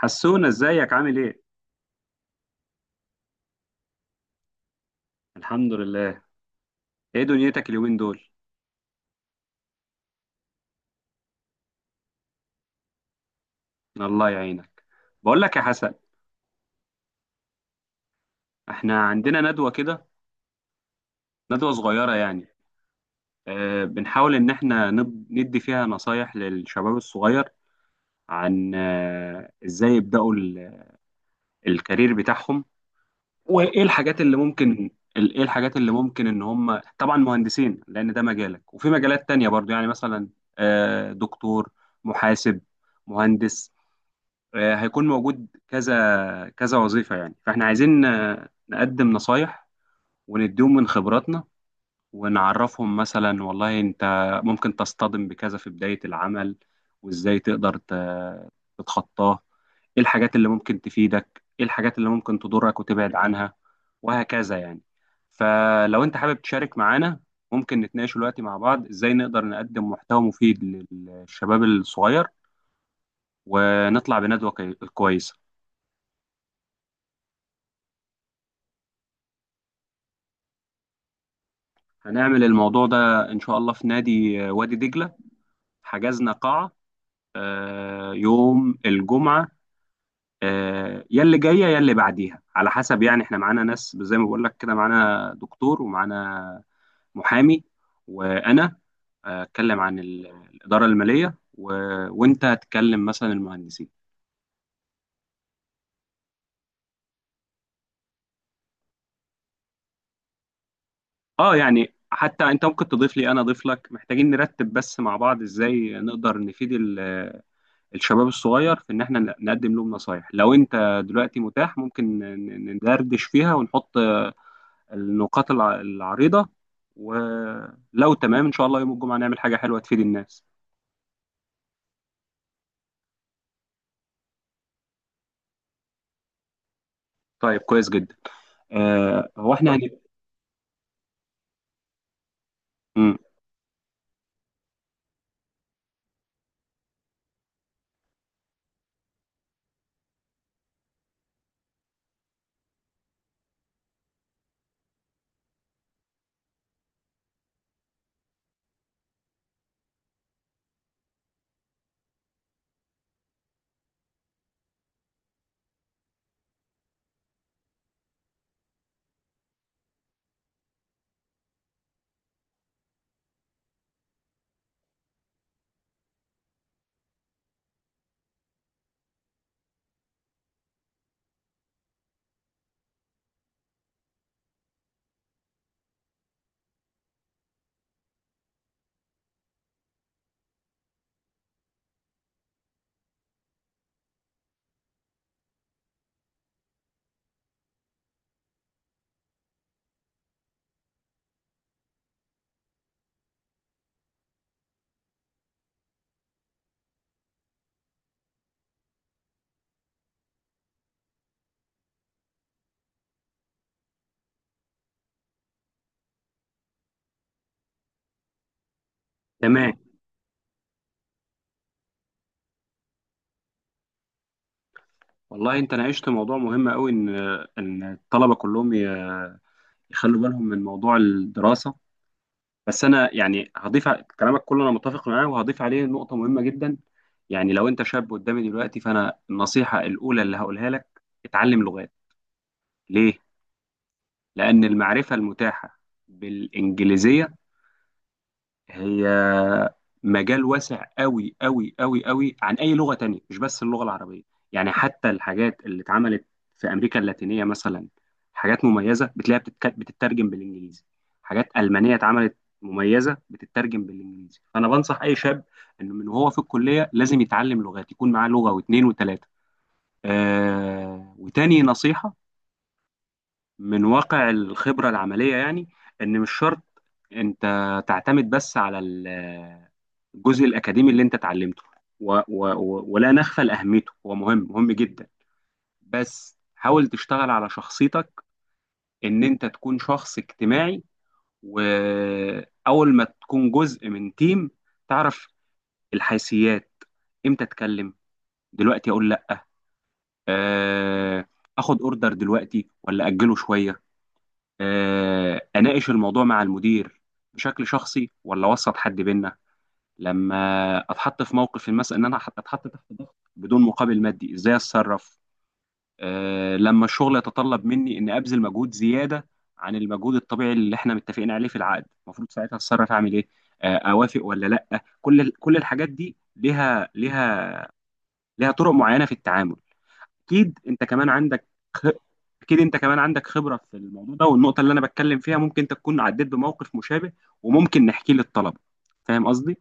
حسونا، ازيك عامل ايه؟ الحمد لله. ايه دنيتك اليومين دول؟ الله يعينك. بقول لك يا حسن، احنا عندنا ندوة كده، ندوة صغيرة يعني. اه بنحاول ان احنا ندي فيها نصايح للشباب الصغير، عن ازاي يبدأوا الكارير بتاعهم، وايه الحاجات اللي ممكن ال- ايه الحاجات اللي ممكن، ان هم طبعا مهندسين لان ده مجالك، وفي مجالات تانية برضو، يعني مثلا اه دكتور، محاسب، مهندس، هيكون موجود كذا كذا وظيفة يعني. فاحنا عايزين نقدم نصايح ونديهم من خبراتنا، ونعرفهم مثلا والله انت ممكن تصطدم بكذا في بداية العمل، وازاي تقدر تتخطاه، ايه الحاجات اللي ممكن تفيدك، ايه الحاجات اللي ممكن تضرك وتبعد عنها، وهكذا يعني. فلو انت حابب تشارك معانا، ممكن نتناقش دلوقتي مع بعض ازاي نقدر نقدم محتوى مفيد للشباب الصغير، ونطلع بندوة كويسة. هنعمل الموضوع ده إن شاء الله في نادي وادي دجلة، حجزنا قاعة يوم الجمعة، يا اللي جاية يا اللي بعديها على حسب، يعني احنا معانا ناس زي ما بقول لك كده، معانا دكتور ومعانا محامي، وأنا أتكلم عن الإدارة المالية. وأنت هتكلم مثلا المهندسين. اه يعني حتى انت ممكن تضيف لي، انا اضيف لك، محتاجين نرتب بس مع بعض ازاي نقدر نفيد الشباب الصغير في ان احنا نقدم لهم نصايح. لو انت دلوقتي متاح، ممكن ندردش فيها ونحط النقاط العريضة، ولو تمام ان شاء الله يوم الجمعة نعمل حاجة حلوة تفيد الناس. طيب، كويس جدا. هو احنا. مم. تمام. والله انت ناقشت موضوع مهم قوي، ان الطلبة كلهم يخلوا بالهم من موضوع الدراسة. بس انا يعني هضيف كلامك كله انا متفق معاه، وهضيف عليه نقطه مهمه جدا. يعني لو انت شاب قدامي دلوقتي، فانا النصيحه الاولى اللي هقولها لك اتعلم لغات. ليه؟ لان المعرفه المتاحه بالانجليزيه هي مجال واسع قوي قوي قوي قوي عن اي لغه تانية، مش بس اللغه العربيه. يعني حتى الحاجات اللي اتعملت في امريكا اللاتينيه مثلا، حاجات مميزه بتلاقيها بتترجم بالانجليزي. حاجات المانيه اتعملت مميزه بتترجم بالانجليزي، فانا بنصح اي شاب انه من وهو في الكليه لازم يتعلم لغات، يكون معاه لغه واثنين وثلاثه. وتاني نصيحه من واقع الخبرة العملية يعني، إن مش شرط أنت تعتمد بس على الجزء الأكاديمي اللي أنت اتعلمته، و و و ولا نغفل أهميته، هو مهم مهم جدا. بس حاول تشتغل على شخصيتك، إن أنت تكون شخص اجتماعي، وأول ما تكون جزء من تيم تعرف الحيثيات، إمتى أتكلم، دلوقتي أقول لأ، آه، آخد أوردر دلوقتي ولا أجله شوية، اناقش الموضوع مع المدير بشكل شخصي ولا اوسط حد بينا، لما اتحط في موقف مثلا ان انا اتحط تحت ضغط بدون مقابل مادي ازاي اتصرف، لما الشغل يتطلب مني اني ابذل مجهود زياده عن المجهود الطبيعي اللي احنا متفقين عليه في العقد، المفروض ساعتها اتصرف اعمل ايه، اوافق ولا لا. كل كل الحاجات دي ليها طرق معينه في التعامل. اكيد انت كمان عندك خ... اكيد انت كمان عندك خبرة في الموضوع ده، والنقطة اللي انا بتكلم فيها ممكن انت تكون عديت بموقف مشابه، وممكن نحكيه للطلبة. فاهم قصدي؟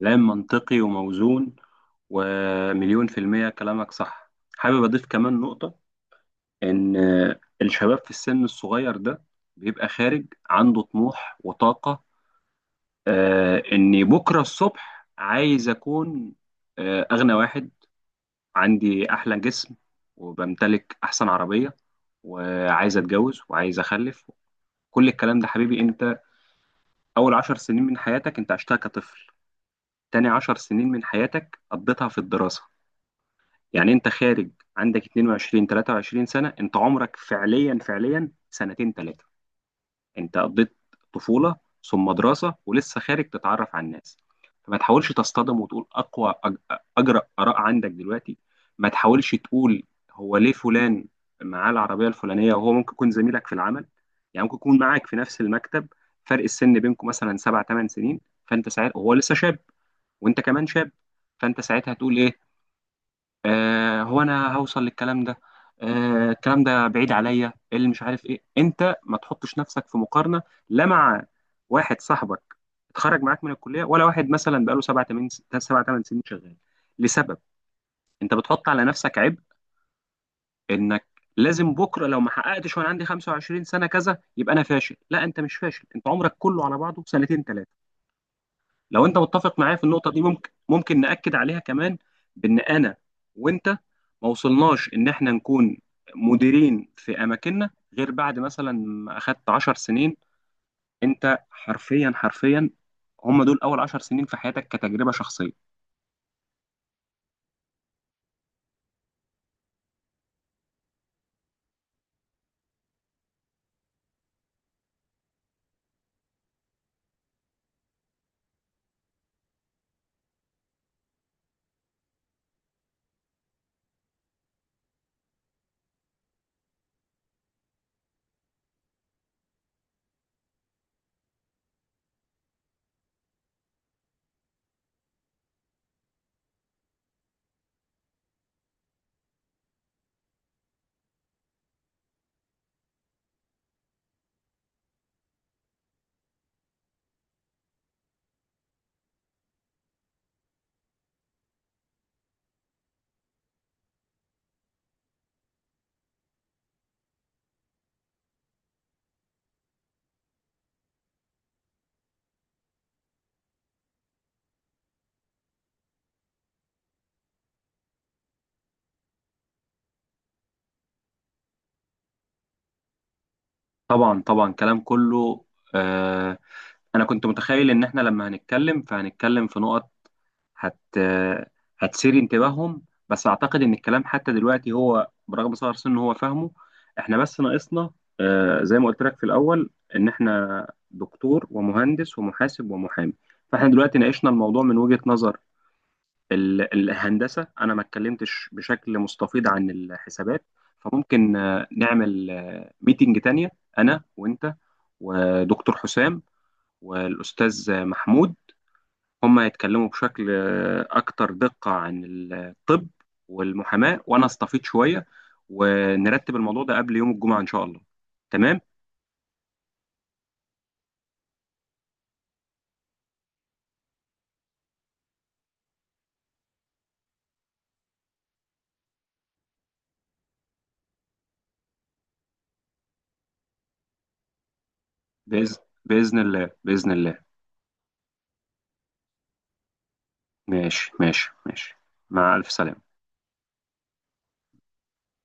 كلام منطقي وموزون، ومليون في المية كلامك صح. حابب اضيف كمان نقطة، ان الشباب في السن الصغير ده بيبقى خارج عنده طموح وطاقة، اني بكرة الصبح عايز اكون اغنى واحد، عندي أحلى جسم، وبمتلك أحسن عربية، وعايز أتجوز وعايز أخلف. كل الكلام ده، حبيبي أنت أول عشر سنين من حياتك أنت عشتها كطفل، تاني عشر سنين من حياتك قضيتها في الدراسة، يعني أنت خارج عندك 22 23 سنة، أنت عمرك فعليا فعليا سنتين تلاتة. انت قضيت طفولة ثم دراسة، ولسه خارج تتعرف على الناس. فما تحاولش تصطدم وتقول اقوى اجرأ اراء عندك دلوقتي، ما تحاولش تقول هو ليه فلان معاه العربية الفلانية، وهو ممكن يكون زميلك في العمل، يعني ممكن يكون معاك في نفس المكتب، فرق السن بينكم مثلا 7 8 سنين، فانت ساعتها هو لسه شاب وانت كمان شاب، فانت ساعتها هتقول ايه؟ هو انا هوصل للكلام ده، الكلام ده بعيد عليا، إيه اللي مش عارف ايه. انت ما تحطش نفسك في مقارنه، لا مع واحد صاحبك اتخرج معاك من الكليه، ولا واحد مثلا بقاله سبع ثمان سنين شغال، لسبب. انت بتحط على نفسك عبء انك لازم بكره لو ما حققتش وانا عندي 25 سنه كذا يبقى انا فاشل. لا، انت مش فاشل، انت عمرك كله على بعضه سنتين ثلاثه. لو انت متفق معايا في النقطه دي، ممكن ناكد عليها كمان، بان انا وانت ما وصلناش ان احنا نكون مديرين في اماكننا غير بعد مثلا ما اخدت 10 سنين. انت حرفيا حرفيا هم دول اول 10 سنين في حياتك كتجربه شخصيه. طبعا طبعا، كلام كله آه انا كنت متخيل ان احنا لما هنتكلم فهنتكلم في نقط هت هتثير انتباههم، بس اعتقد ان الكلام حتى دلوقتي هو برغم صغر سنه هو فاهمه. احنا بس ناقصنا، زي ما قلت لك في الاول، ان احنا دكتور ومهندس ومحاسب ومحامي. فاحنا دلوقتي ناقشنا الموضوع من وجهة نظر الهندسة، انا ما اتكلمتش بشكل مستفيض عن الحسابات. فممكن نعمل ميتنج تانية، انا وانت ودكتور حسام والاستاذ محمود، هم يتكلموا بشكل أكتر دقة عن الطب والمحاماة، وأنا أستفيض شوية، ونرتب الموضوع ده قبل يوم الجمعة إن شاء الله. تمام. بإذن بإذن الله، بإذن الله. ماشي ماشي ماشي، مع ألف سلامة.